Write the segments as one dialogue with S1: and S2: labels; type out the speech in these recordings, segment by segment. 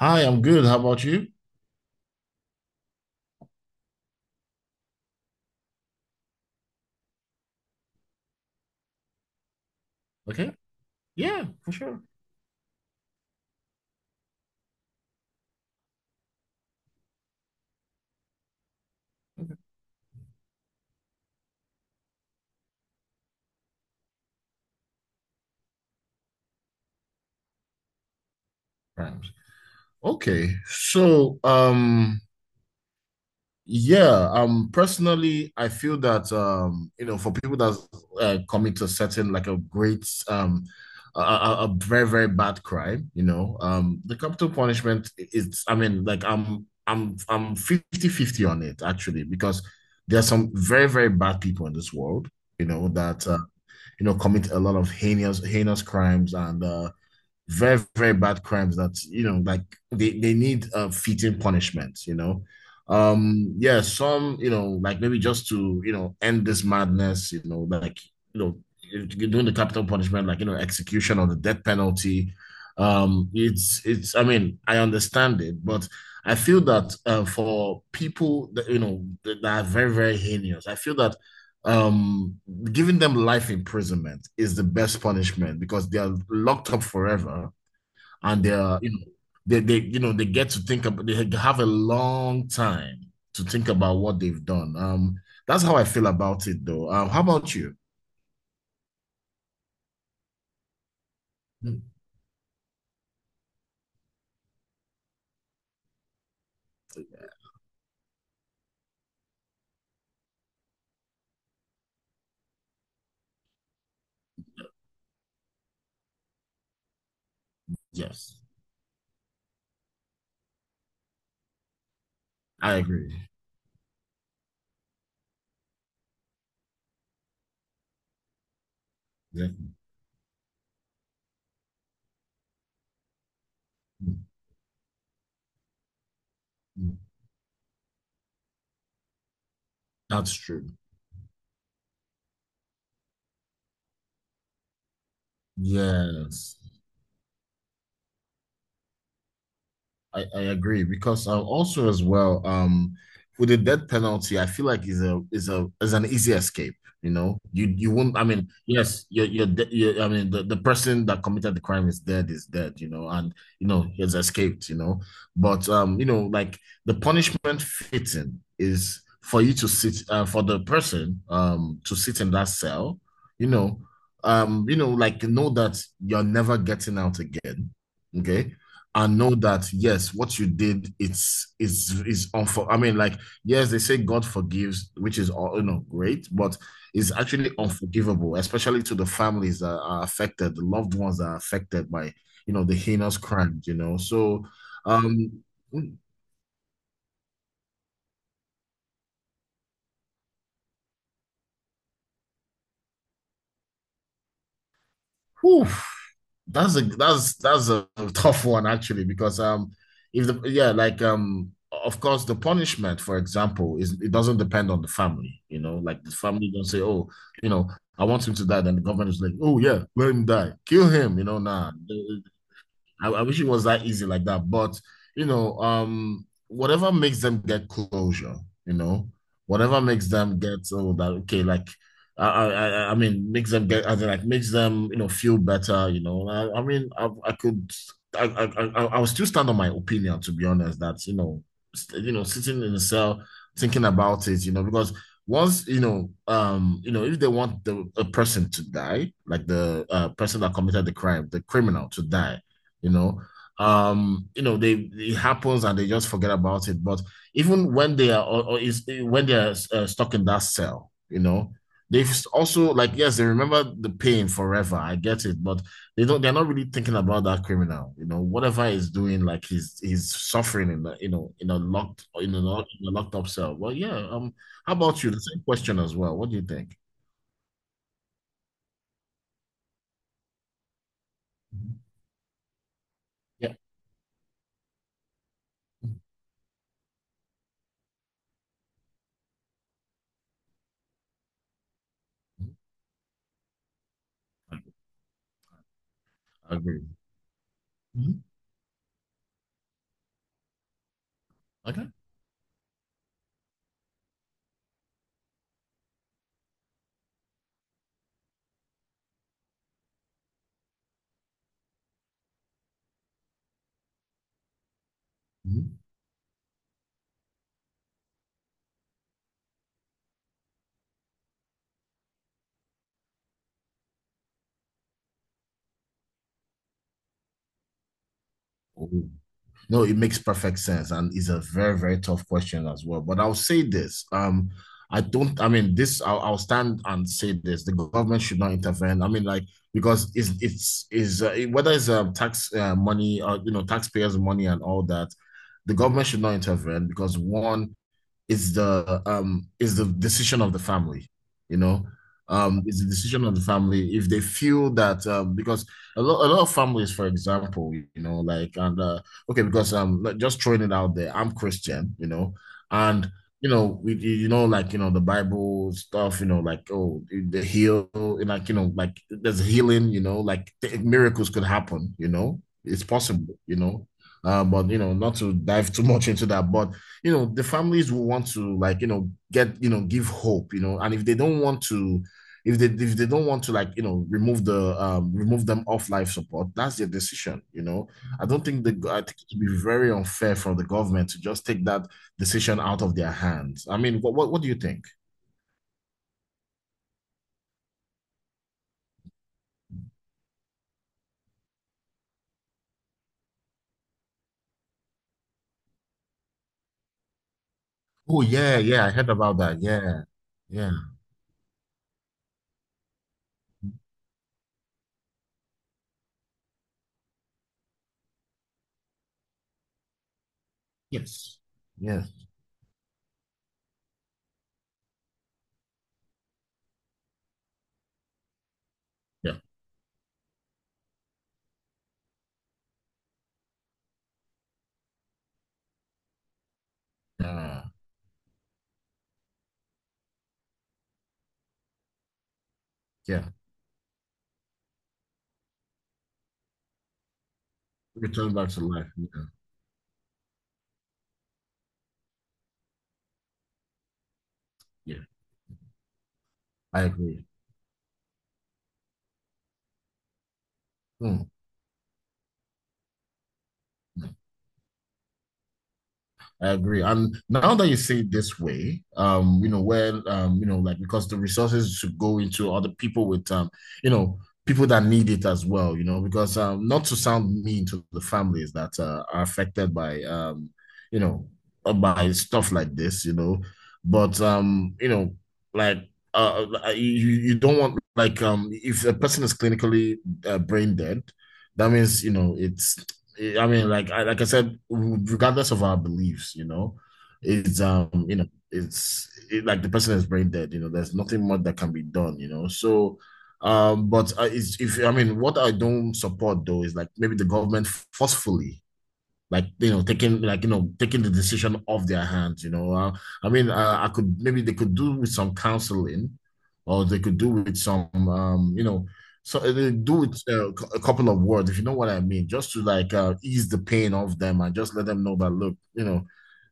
S1: Hi, I'm good. How about you? Okay. Yeah, for sure. Rhymes. Okay. So, um, yeah, personally, I feel that you know, for people that commit a certain like a great a very, very bad crime, you know, the capital punishment is, I mean, like I'm fifty fifty on it actually, because there are some very, very bad people in this world, you know, that you know, commit a lot of heinous crimes and very very bad crimes that you know like they need a fitting punishment, you know. Yeah, some, you know, like maybe just to, you know, end this madness, you know, like, you know, you're doing the capital punishment, like, you know, execution or the death penalty. It's I mean I understand it, but I feel that for people that, you know, that are very very heinous, I feel that um giving them life imprisonment is the best punishment because they are locked up forever and they are, you know, they you know they get to think about, they have a long time to think about what they've done. That's how I feel about it though. How about you? Mm. Yes, I agree. Yeah. Mm. That's true. Yes. I agree because also as well with the death penalty I feel like is a is a is an easy escape. You know, you won't, I mean, yes, you're, I mean, the person that committed the crime is dead, you know, and you know he has escaped, you know. But you know, like the punishment fitting is for you to sit for the person to sit in that cell, you know, you know, like know that you're never getting out again. Okay? And know that yes, what you did, it's its unfor. I mean, like, yes, they say God forgives, which is all, you know, great, but it's actually unforgivable, especially to the families that are affected, the loved ones that are affected by, you know, the heinous crimes. You know, so um, whew. That's a tough one actually, because if the, yeah, like, um, of course the punishment, for example, is it doesn't depend on the family, you know, like the family don't say, oh, you know, I want him to die, then the government is like, oh yeah, let him die, kill him, you know. Nah, I wish it was that easy like that. But you know, whatever makes them get closure, you know, whatever makes them get, oh, that okay, like I mean makes them get, as in like makes them, you know, feel better, you know. I mean I could I still stand on my opinion, to be honest, that you know, you know, sitting in a cell thinking about it, you know, because once, you know, um, you know, if they want the a person to die, like the person that committed the crime, the criminal to die, you know, you know, they, it happens and they just forget about it. But even when they are, or is when they are stuck in that cell, you know, they've also like, yes, they remember the pain forever, I get it, but they don't, they're not really thinking about that criminal, you know, whatever he's doing, like he's suffering in the, you know, in a locked in a, lock- in a locked up cell. Well, yeah, how about you? The same question as well, what do you think? Mhm. Yeah. Mhm. I agree. Mhm. Okay. Mhm. No, it makes perfect sense, and it's a very, very tough question as well. But I'll say this: I don't. I mean, this. I'll stand and say this: the government should not intervene. I mean, like, because it's is whether it's tax money or you know taxpayers' money and all that, the government should not intervene because one, is the decision of the family, you know. It's the decision of the family if they feel that, because a lot of families, for example, you know, like and okay, because, like, just throwing it out there, I'm Christian, you know, and you know, we, you know, like, you know, the Bible stuff, you know, like, oh, the heal, and like, you know, like there's healing, you know, like miracles could happen, you know, it's possible, you know, but, you know, not to dive too much into that, but you know the families will want to, like, you know, get, you know, give hope, you know, and if they don't want to, if they don't want to, like, you know, remove the remove them off life support, that's their decision, you know. I don't think the, I think it would be very unfair for the government to just take that decision out of their hands. I mean what do you think? Oh yeah, yeah, I heard about that. Yeah. Yeah. Yes. Yeah yeah yeah yeah Return back to life, yeah. Yeah. I agree. Hmm. I agree. And now that you say it this way, you know, where, you know, like, because the resources should go into other people with, you know, people that need it as well, you know, because, not to sound mean to the families that are affected by, you know, by stuff like this, you know, but, you know, like, you you don't want like, if a person is clinically brain dead, that means, you know, it's, I mean, like I said, regardless of our beliefs, you know, it's, you know, it's it, like the person is brain dead. You know, there's nothing much that can be done. You know, so, but it's, if I mean, what I don't support though is like maybe the government forcefully, like, you know, taking, like, you know, taking the decision off their hands, you know. I mean, I could maybe they could do with some counseling or they could do with some you know, so they do it, a couple of words if you know what I mean, just to like ease the pain off them and just let them know that, look, you know,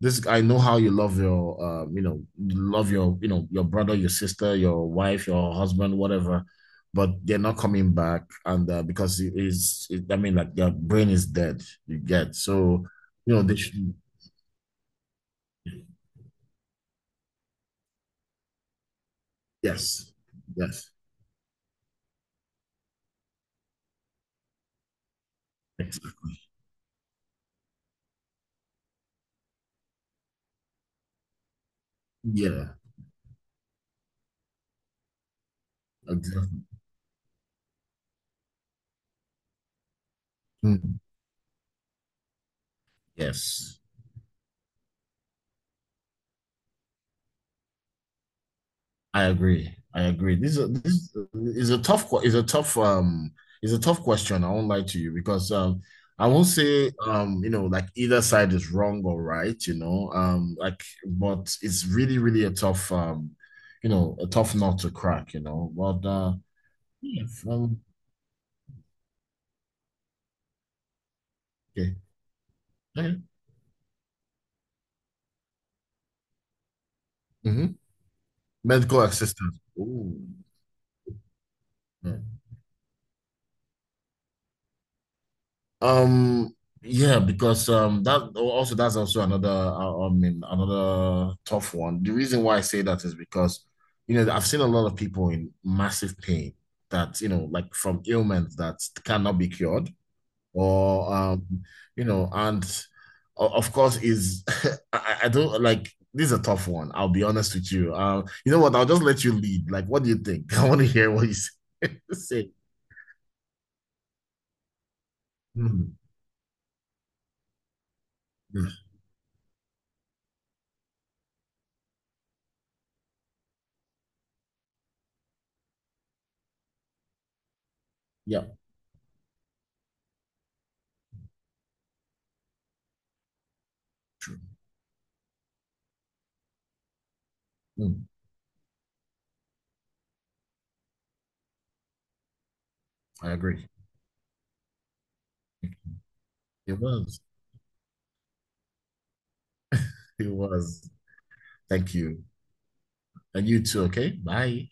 S1: this, I know how you love your, you know, love your, you know, your brother, your sister, your wife, your husband, whatever, but they're not coming back. And because it is it, I mean, like, their brain is dead, you get. So, you know, they should, yes. Yes. ex- Yeah. Exactly. Mm. Yes. I agree. I agree. This is a is a tough question. I won't lie to you because I won't say, um, you know, like either side is wrong or right. You know, um, like, but it's really really a tough, you know, a tough nut to crack. You know but yeah, um, okay. Okay. Hmm. Medical assistance. Ooh. Yeah. Um, yeah, because that, oh, also that's also another I mean, another tough one. The reason why I say that is because you know I've seen a lot of people in massive pain that you know like from ailments that cannot be cured or um, you know, and of course is I don't like, this is a tough one. I'll be honest with you. You know what? I'll just let you lead. Like, what do you think? I want to hear what you say. Say. Mm. Mm. Yeah. Mm. I agree. It was. It was. Thank you. And you too, okay? Bye.